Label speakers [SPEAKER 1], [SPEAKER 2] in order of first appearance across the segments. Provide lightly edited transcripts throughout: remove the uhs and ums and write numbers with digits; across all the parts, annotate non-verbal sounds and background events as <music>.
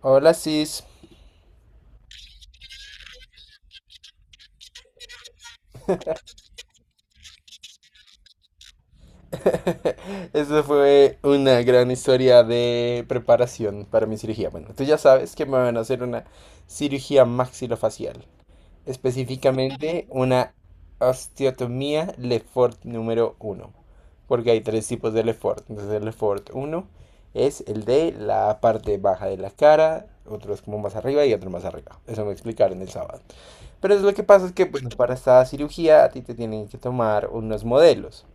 [SPEAKER 1] Hola, Sis. <laughs> Eso fue una gran historia de preparación para mi cirugía. Bueno, tú ya sabes que me van a hacer una cirugía maxilofacial, específicamente una osteotomía Lefort número uno, porque hay tres tipos de Lefort. Entonces, el Lefort uno es el de la parte baja de la cara, otro es como más arriba y otro más arriba. Eso me explicaron el sábado. Pero es lo que pasa es que, bueno, para esta cirugía a ti te tienen que tomar unos modelos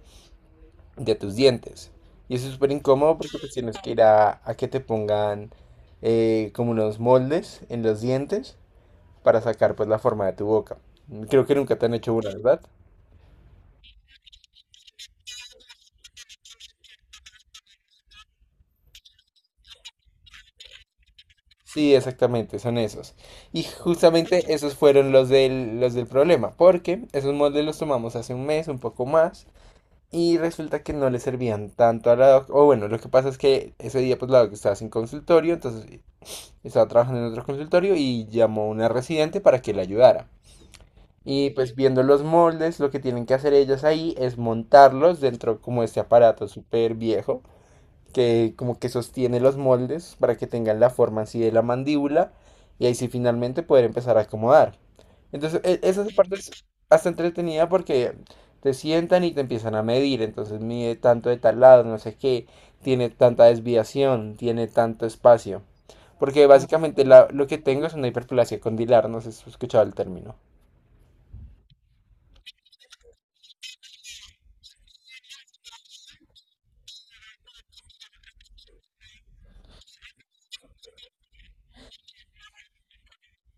[SPEAKER 1] de tus dientes. Y eso es súper incómodo porque pues tienes que ir a que te pongan como unos moldes en los dientes para sacar pues la forma de tu boca. Creo que nunca te han hecho una, ¿verdad? Sí, exactamente, son esos. Y justamente esos fueron los del problema, porque esos moldes los tomamos hace un mes, un poco más, y resulta que no le servían tanto a la doc. O bueno, lo que pasa es que ese día pues la doc estaba sin consultorio, entonces estaba trabajando en otro consultorio y llamó a una residente para que la ayudara. Y pues viendo los moldes, lo que tienen que hacer ellas ahí es montarlos dentro como de este aparato súper viejo, que como que sostiene los moldes para que tengan la forma así de la mandíbula y ahí sí finalmente poder empezar a acomodar. Entonces, esa parte es hasta entretenida porque te sientan y te empiezan a medir, entonces mide tanto de tal lado, no sé qué, tiene tanta desviación, tiene tanto espacio. Porque básicamente lo que tengo es una hiperplasia condilar, no sé si has escuchado el término.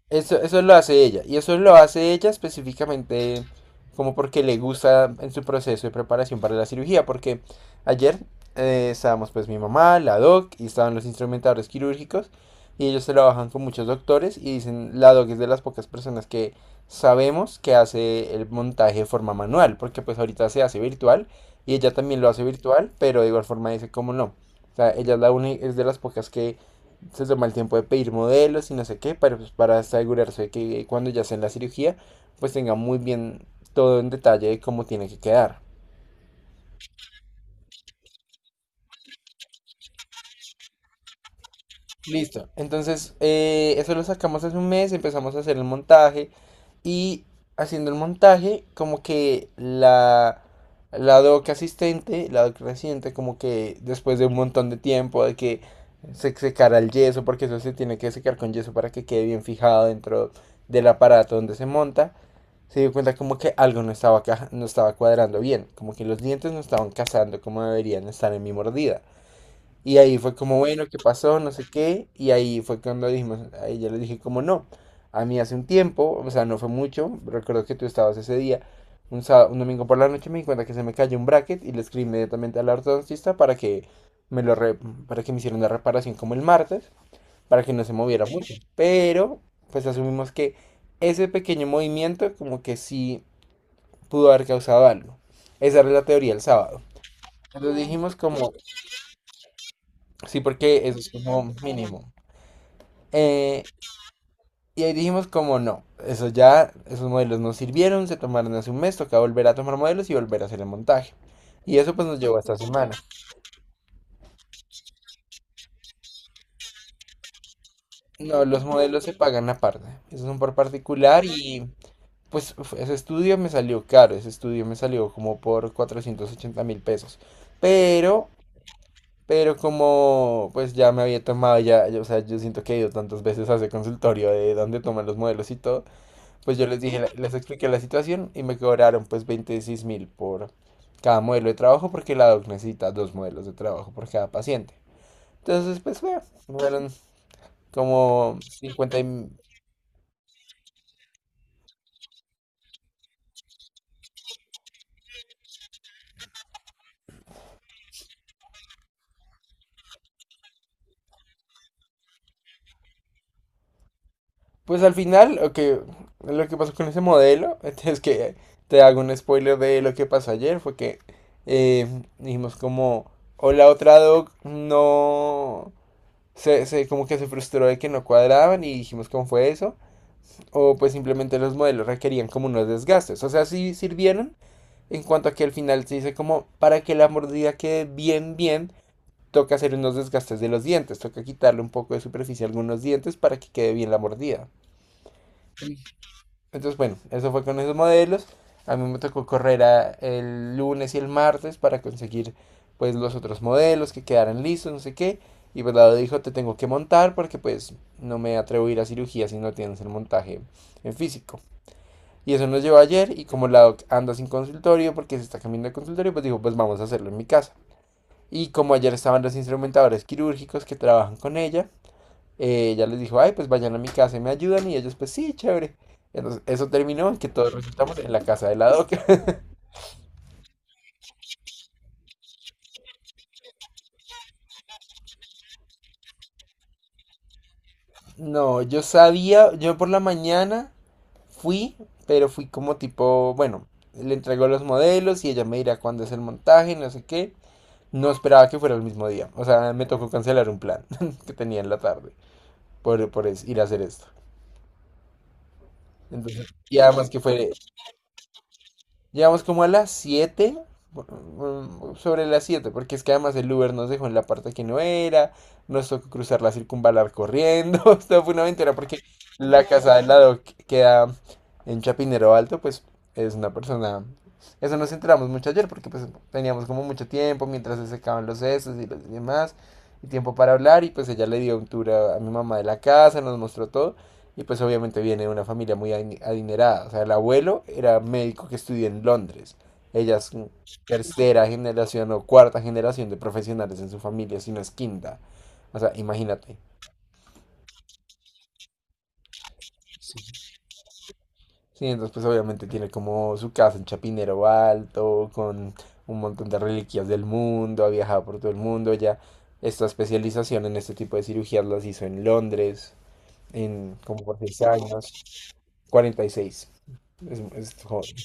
[SPEAKER 1] Eso lo hace ella. Y eso lo hace ella específicamente como porque le gusta en su proceso de preparación para la cirugía. Porque ayer estábamos pues mi mamá, la doc y estaban los instrumentadores quirúrgicos. Y ellos trabajan con muchos doctores y dicen, la doc es de las pocas personas que sabemos que hace el montaje de forma manual. Porque pues ahorita se hace virtual y ella también lo hace virtual, pero de igual forma dice, ¿cómo no? O sea, ella es, es de las pocas que se toma el tiempo de pedir modelos y no sé qué, para, pues, para asegurarse de que cuando ya sea en la cirugía, pues tenga muy bien todo en detalle de cómo tiene que quedar. Listo, entonces eso lo sacamos hace un mes, empezamos a hacer el montaje y haciendo el montaje, como que la doc asistente, la doc residente, como que después de un montón de tiempo de que se secara el yeso, porque eso se tiene que secar con yeso para que quede bien fijado dentro del aparato donde se monta, se dio cuenta como que algo no estaba, no estaba cuadrando bien, como que los dientes no estaban casando como deberían estar en mi mordida. Y ahí fue como, bueno, ¿qué pasó? No sé qué. Y ahí fue cuando dijimos, ahí yo le dije como no. A mí hace un tiempo, o sea, no fue mucho, recuerdo que tú estabas ese día, un domingo por la noche me di cuenta que se me cayó un bracket y le escribí inmediatamente al ortodoncista para que me lo re- para que me hicieran la reparación como el martes, para que no se moviera mucho. Pero, pues asumimos que ese pequeño movimiento como que sí pudo haber causado algo. Esa era la teoría el sábado. Entonces dijimos como, sí, porque eso es como mínimo. Eh, y ahí dijimos como no, eso ya, esos modelos no sirvieron, se tomaron hace un mes, toca volver a tomar modelos y volver a hacer el montaje. Y eso pues nos llevó a esta semana. No, los modelos se pagan aparte, esos son por particular y pues uf, ese estudio me salió caro, ese estudio me salió como por 480 mil pesos. Pero Pero como pues ya me había tomado, o sea, yo siento que he ido tantas veces a ese consultorio de dónde toman los modelos y todo, pues yo les dije, les expliqué la situación y me cobraron pues 26 mil por cada modelo de trabajo porque la doc necesita dos modelos de trabajo por cada paciente. Entonces pues fue, fueron como 50 y pues al final, lo que pasó con ese modelo, <laughs> es que te hago un spoiler de lo que pasó ayer, fue que eh, dijimos como, o la otra doc no, como que se frustró de que no cuadraban y dijimos cómo fue eso, o pues simplemente los modelos requerían como unos desgastes, o sea, sí sirvieron, en cuanto a que al final se dice como, para que la mordida quede bien, bien, toca hacer unos desgastes de los dientes, toca quitarle un poco de superficie a algunos dientes para que quede bien la mordida. Entonces, bueno, eso fue con esos modelos. A mí me tocó correr el lunes y el martes para conseguir pues los otros modelos que quedaran listos, no sé qué. Y pues Lado dijo, te tengo que montar porque pues no me atrevo a ir a cirugía si no tienes el montaje en físico. Y eso nos llevó ayer y como Lado anda sin consultorio porque se está cambiando de consultorio, pues dijo, pues vamos a hacerlo en mi casa. Y como ayer estaban los instrumentadores quirúrgicos que trabajan con ella, ya les dijo, ay, pues vayan a mi casa y me ayudan. Y ellos, pues sí, chévere. Entonces, eso terminó en que todos resultamos en la casa de la doca. <laughs> No, yo sabía, yo por la mañana fui, pero fui como tipo, bueno, le entregó los modelos y ella me dirá cuándo es el montaje, no sé qué. No esperaba que fuera el mismo día. O sea, me tocó cancelar un plan <laughs> que tenía en la tarde ir a hacer esto. Entonces, y además que fue llegamos como a las 7 bueno, sobre las 7 porque es que además el Uber nos dejó en la parte que no era, nos tocó cruzar la circunvalar corriendo, <laughs> esto fue una aventura porque la casa del lado que queda en Chapinero Alto, pues es una persona... Eso nos enteramos mucho ayer porque pues teníamos como mucho tiempo mientras se secaban los sesos y los demás, y tiempo para hablar y pues ella le dio un tour a mi mamá de la casa, nos mostró todo. Y pues obviamente viene de una familia muy adinerada. O sea, el abuelo era médico que estudió en Londres. Ella es tercera generación o cuarta generación de profesionales en su familia, si no es quinta. O sea, imagínate. Sí, entonces pues obviamente tiene como su casa en Chapinero Alto, con un montón de reliquias del mundo, ha viajado por todo el mundo, ya esta especialización en este tipo de cirugías las hizo en Londres, en como por seis años, 46, es joven.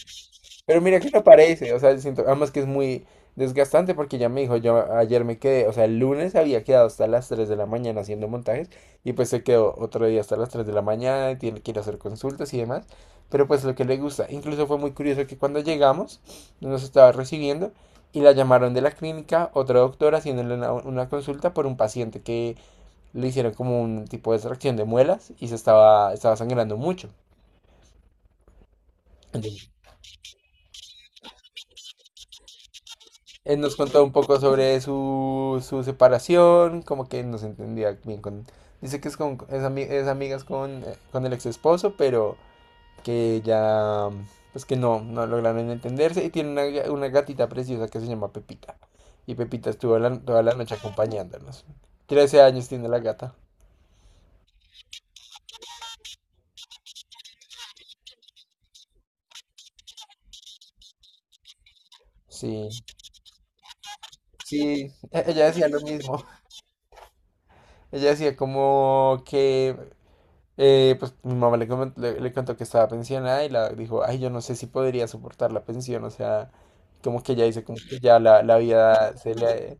[SPEAKER 1] Pero mira que no parece, o sea, siento, además que es muy desgastante porque ya me dijo, yo ayer me quedé, o sea, el lunes había quedado hasta las 3 de la mañana haciendo montajes y pues se quedó otro día hasta las 3 de la mañana, y tiene que ir a hacer consultas y demás, pero pues lo que le gusta, incluso fue muy curioso que cuando llegamos nos estaba recibiendo y la llamaron de la clínica, otra doctora haciéndole una consulta por un paciente que le hicieron como un tipo de extracción de muelas y se estaba, estaba sangrando mucho. Él nos contó un poco sobre su separación, como que no se entendía bien con... Dice que es, con, es, es amigas con el ex esposo, pero que ya, pues que no, no lograron entenderse y tiene una gatita preciosa que se llama Pepita. Y Pepita estuvo toda la noche acompañándonos. 13 años tiene la gata. Sí, sí, ella decía lo mismo. Ella decía como que pues mi mamá le contó que estaba pensionada y la dijo, ay, yo no sé si podría soportar la pensión, o sea, como que ya dice, como que ya la vida se le,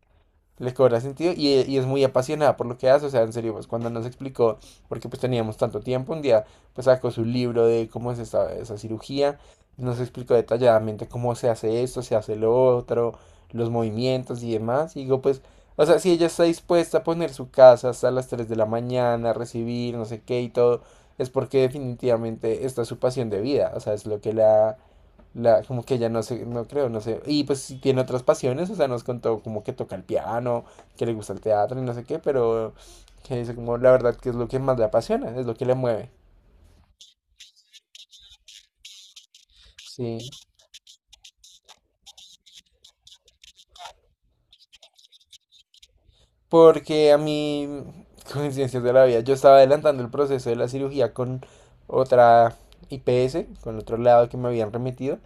[SPEAKER 1] les cobra sentido y es muy apasionada por lo que hace, o sea, en serio, pues cuando nos explicó, porque pues teníamos tanto tiempo, un día pues sacó su libro de cómo es esta, esa cirugía, nos explicó detalladamente cómo se hace esto, se hace lo otro, los movimientos y demás, y digo pues, o sea, si ella está dispuesta a poner su casa hasta las 3 de la mañana, a recibir no sé qué y todo, es porque definitivamente esta es su pasión de vida, o sea, es lo que como que ella no sé, no creo, no sé. Y pues sí tiene otras pasiones, o sea, nos contó como que toca el piano, que le gusta el teatro y no sé qué, pero que dice como la verdad que es lo que más le apasiona, es lo que le mueve. Sí. Porque a mí, <laughs> coincidencias de la vida, yo estaba adelantando el proceso de la cirugía con otra IPS, con otro lado que me habían remitido.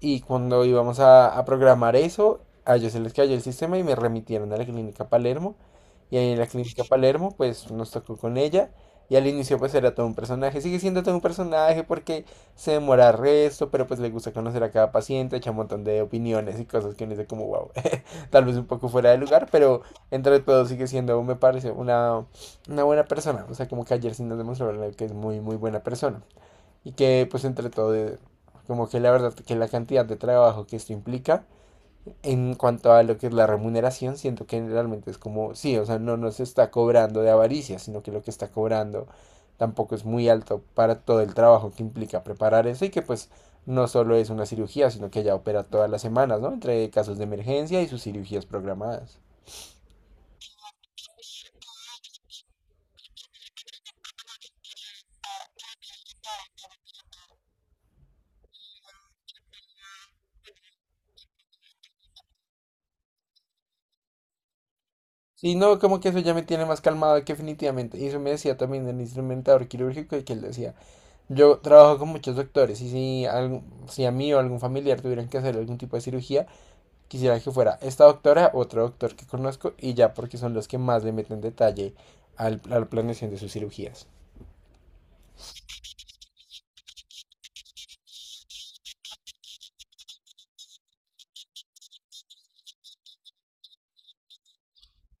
[SPEAKER 1] Y cuando íbamos a programar eso, a ellos se les cayó el sistema y me remitieron a la clínica Palermo. Y ahí en la clínica Palermo, pues nos tocó con ella. Y al inicio pues era todo un personaje. Sigue siendo todo un personaje porque se demora resto, pero pues le gusta conocer a cada paciente, echa un montón de opiniones y cosas que uno dice como wow, <laughs> tal vez un poco fuera de lugar, pero entre todo sigue siendo, me parece, una buena persona. O sea, como que ayer sí nos demostraron que es muy, muy buena persona y que pues entre todo, como que la verdad que la cantidad de trabajo que esto implica en cuanto a lo que es la remuneración, siento que realmente es como, sí, o sea, no nos está cobrando de avaricia, sino que lo que está cobrando tampoco es muy alto para todo el trabajo que implica preparar eso y que pues no solo es una cirugía, sino que ella opera todas las semanas, ¿no? Entre casos de emergencia y sus cirugías programadas. Sí, no, como que eso ya me tiene más calmado que definitivamente. Y eso me decía también el instrumentador quirúrgico y que él decía, yo trabajo con muchos doctores y si, si a mí o algún familiar tuvieran que hacer algún tipo de cirugía, quisiera que fuera esta doctora, otro doctor que conozco y ya porque son los que más le meten detalle a la planeación de sus cirugías.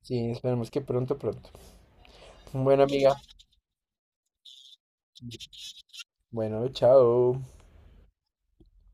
[SPEAKER 1] Sí, esperemos que pronto, pronto. Bueno, amiga. Bueno, chao.